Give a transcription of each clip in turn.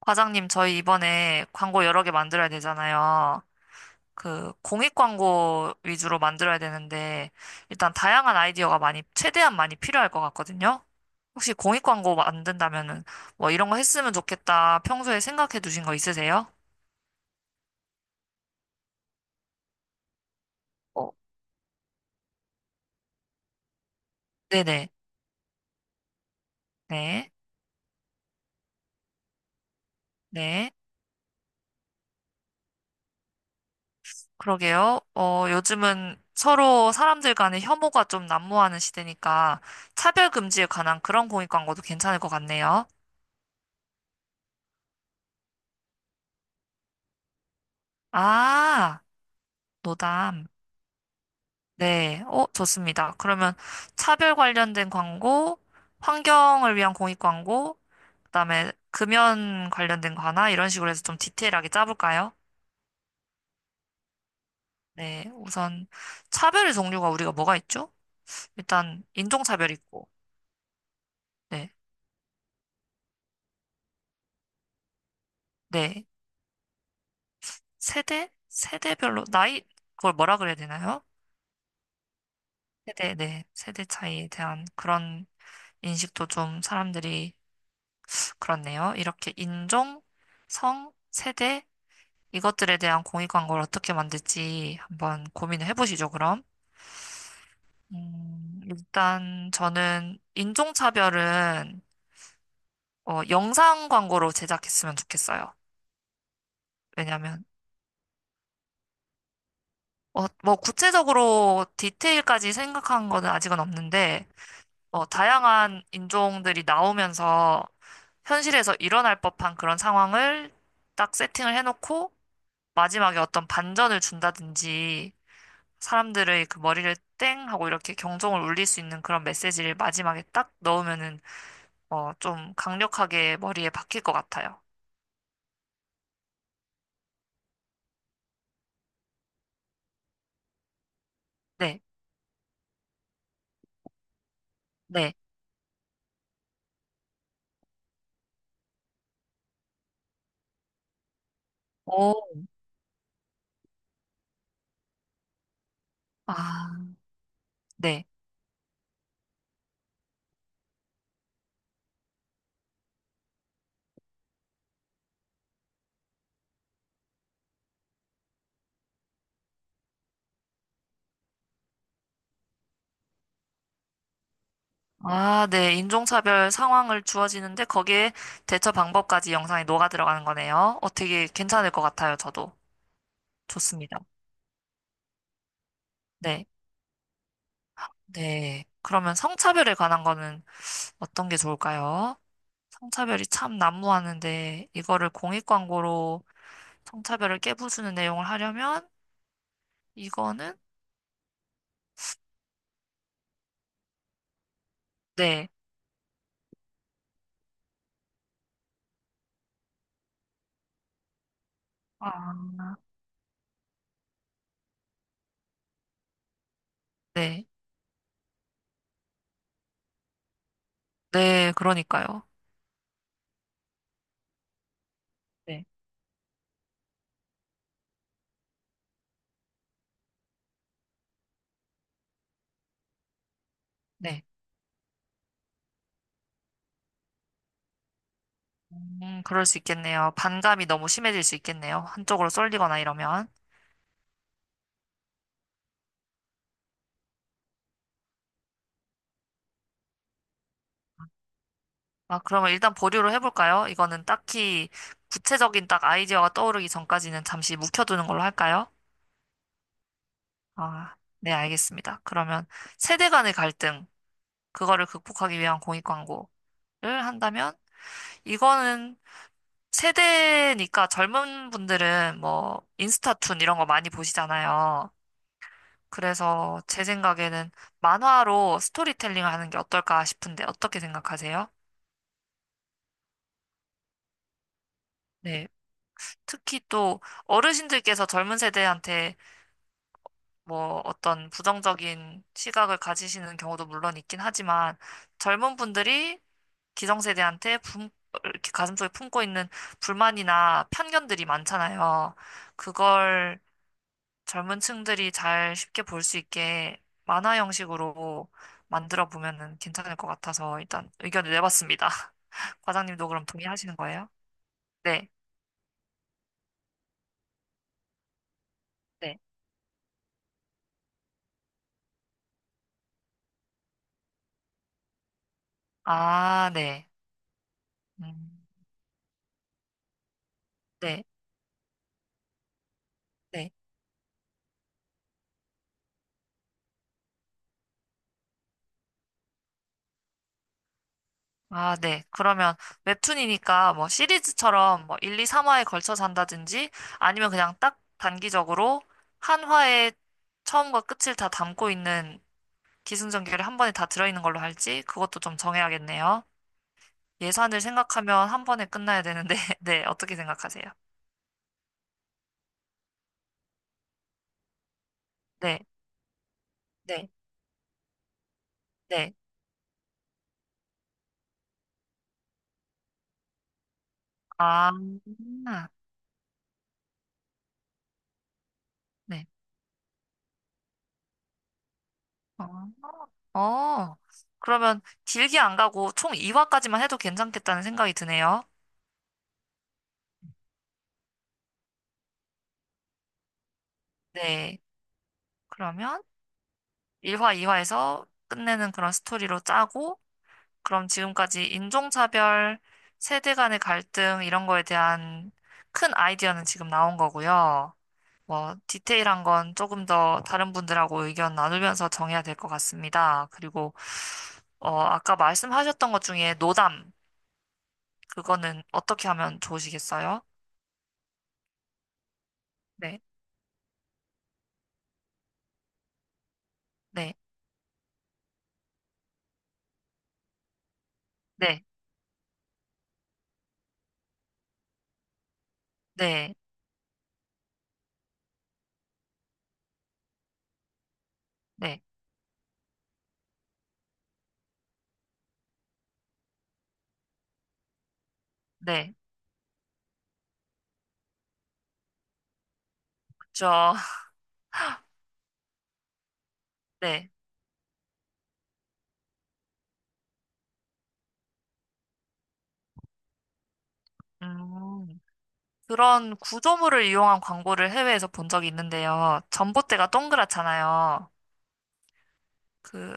과장님, 저희 이번에 광고 여러 개 만들어야 되잖아요. 공익 광고 위주로 만들어야 되는데, 일단 다양한 아이디어가 많이, 최대한 많이 필요할 것 같거든요. 혹시 공익 광고 만든다면은, 뭐 이런 거 했으면 좋겠다. 평소에 생각해 두신 거 있으세요? 어, 네네. 네. 네. 그러게요. 요즘은 서로 사람들 간의 혐오가 좀 난무하는 시대니까, 차별 금지에 관한 그런 공익 광고도 괜찮을 것 같네요. 아, 노담. 네, 좋습니다. 그러면 차별 관련된 광고, 환경을 위한 공익 광고, 그다음에 금연 관련된 거 하나 이런 식으로 해서 좀 디테일하게 짜볼까요? 네, 우선 차별의 종류가 우리가 뭐가 있죠? 일단 인종차별 있고, 네, 네, 세대, 세대별로 나이 그걸 뭐라 그래야 되나요? 세대, 네, 세대 차이에 대한 그런 인식도 좀 사람들이 그렇네요. 이렇게 인종, 성, 세대 이것들에 대한 공익 광고를 어떻게 만들지 한번 고민을 해보시죠, 그럼. 일단 저는 인종차별은 영상 광고로 제작했으면 좋겠어요. 왜냐면 뭐 구체적으로 디테일까지 생각한 거는 아직은 없는데 다양한 인종들이 나오면서 현실에서 일어날 법한 그런 상황을 딱 세팅을 해놓고 마지막에 어떤 반전을 준다든지 사람들의 그 머리를 땡 하고 이렇게 경종을 울릴 수 있는 그런 메시지를 마지막에 딱 넣으면은 좀 강력하게 머리에 박힐 것 같아요. 네, 네. 오, 아, 네. 아, 네. 인종차별 상황을 주어지는데 거기에 대처 방법까지 영상에 녹아 들어가는 거네요. 되게 괜찮을 것 같아요. 저도. 좋습니다. 네, 네. 그러면 성차별에 관한 거는 어떤 게 좋을까요? 성차별이 참 난무하는데 이거를 공익 광고로 성차별을 깨부수는 내용을 하려면 이거는 네, 아, 네, 네, 그러니까요. 네. 네. 그럴 수 있겠네요. 반감이 너무 심해질 수 있겠네요. 한쪽으로 쏠리거나 이러면. 아, 그러면 일단 보류로 해볼까요? 이거는 딱히 구체적인 딱 아이디어가 떠오르기 전까지는 잠시 묵혀두는 걸로 할까요? 아, 네, 알겠습니다. 그러면 세대 간의 갈등, 그거를 극복하기 위한 공익 광고를 한다면, 이거는 세대니까 젊은 분들은 뭐 인스타툰 이런 거 많이 보시잖아요. 그래서 제 생각에는 만화로 스토리텔링 하는 게 어떨까 싶은데 어떻게 생각하세요? 네. 특히 또 어르신들께서 젊은 세대한테 뭐 어떤 부정적인 시각을 가지시는 경우도 물론 있긴 하지만 젊은 분들이 기성세대한테 이렇게 가슴속에 품고 있는 불만이나 편견들이 많잖아요. 그걸 젊은 층들이 잘 쉽게 볼 수 있게 만화 형식으로 만들어 보면은 괜찮을 것 같아서 일단 의견을 내봤습니다. 과장님도 그럼 동의하시는 거예요? 네. 네. 아, 네. 음, 네. 네. 아, 네. 그러면 웹툰이니까 뭐 시리즈처럼 뭐 1, 2, 3화에 걸쳐서 한다든지 아니면 그냥 딱 단기적으로 한 화에 처음과 끝을 다 담고 있는 기승전결이 한 번에 다 들어있는 걸로 할지 그것도 좀 정해야겠네요. 예산을 생각하면 한 번에 끝나야 되는데, 네, 어떻게 생각하세요? 네, 네, 네. 아, 네. 어, 어, 그러면 길게 안 가고 총 2화까지만 해도 괜찮겠다는 생각이 드네요. 네, 그러면 1화, 2화에서 끝내는 그런 스토리로 짜고, 그럼 지금까지 인종차별, 세대 간의 갈등, 이런 거에 대한 큰 아이디어는 지금 나온 거고요. 뭐, 디테일한 건 조금 더 다른 분들하고 의견 나누면서 정해야 될 것 같습니다. 그리고, 아까 말씀하셨던 것 중에 노담, 그거는 어떻게 하면 좋으시겠어요? 네, 네, 네, 네, 네, 네, 그쵸. 네. 음, 그런 구조물을 이용한 광고를 해외에서 본 적이 있는데요. 전봇대가 동그랗잖아요. 그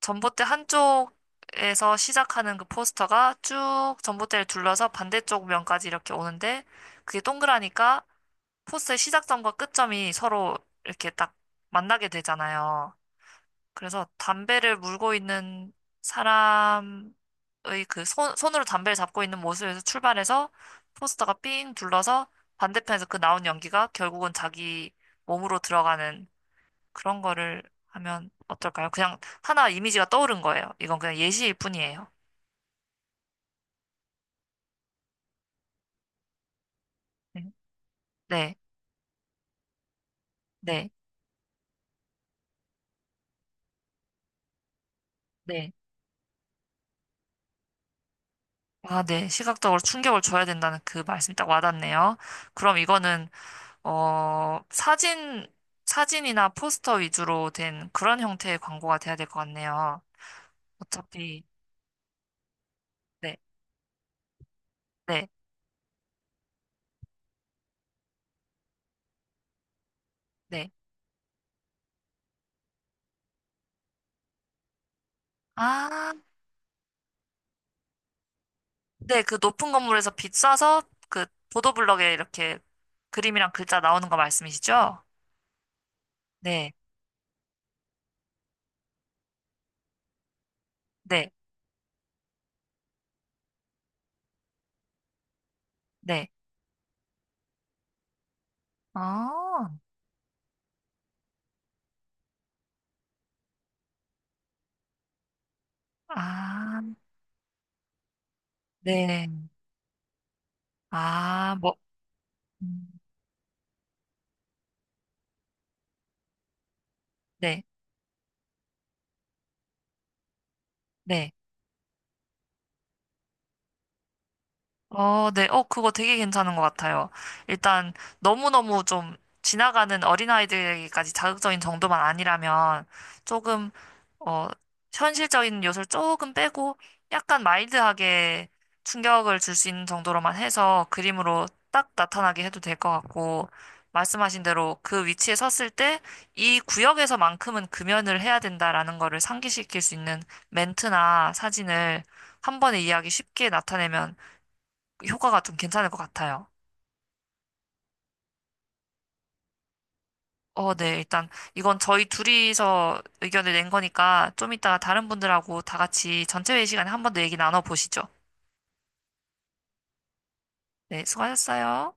전봇대 한쪽에서 시작하는 그 포스터가 쭉 전봇대를 둘러서 반대쪽 면까지 이렇게 오는데 그게 동그라니까 포스의 시작점과 끝점이 서로 이렇게 딱 만나게 되잖아요. 그래서 담배를 물고 있는 사람의 그 손, 손으로 담배를 잡고 있는 모습에서 출발해서 포스터가 삥 둘러서 반대편에서 그 나온 연기가 결국은 자기 몸으로 들어가는 그런 거를 하면 어떨까요? 그냥 하나 이미지가 떠오른 거예요. 이건 그냥 예시일 뿐이에요. 네, 네, 네. 네. 아, 네. 시각적으로 충격을 줘야 된다는 그 말씀 딱 와닿네요. 그럼 이거는, 어, 사진, 사진이나 포스터 위주로 된 그런 형태의 광고가 돼야 될 것 같네요. 어차피, 네, 네, 네. 아, 네. 그 높은 건물에서 빛 쏴서 그 보도블럭에 이렇게 그림이랑 글자 나오는 거 말씀이시죠? 네, 네, 네. 아, 아, 네. 아, 뭐, 음, 네, 네. 어, 네. 그거 되게 괜찮은 것 같아요. 일단 너무너무 좀 지나가는 어린아이들까지 자극적인 정도만 아니라면 조금, 어, 현실적인 요소를 조금 빼고 약간 마일드하게 충격을 줄 수 있는 정도로만 해서 그림으로 딱 나타나게 해도 될 것 같고, 말씀하신 대로 그 위치에 섰을 때 이 구역에서만큼은 금연을 해야 된다라는 거를 상기시킬 수 있는 멘트나 사진을 한 번에 이해하기 쉽게 나타내면 효과가 좀 괜찮을 것 같아요. 어, 네. 일단 이건 저희 둘이서 의견을 낸 거니까 좀 이따가 다른 분들하고 다 같이 전체 회의 시간에 한 번 더 얘기 나눠보시죠. 네, 수고하셨어요.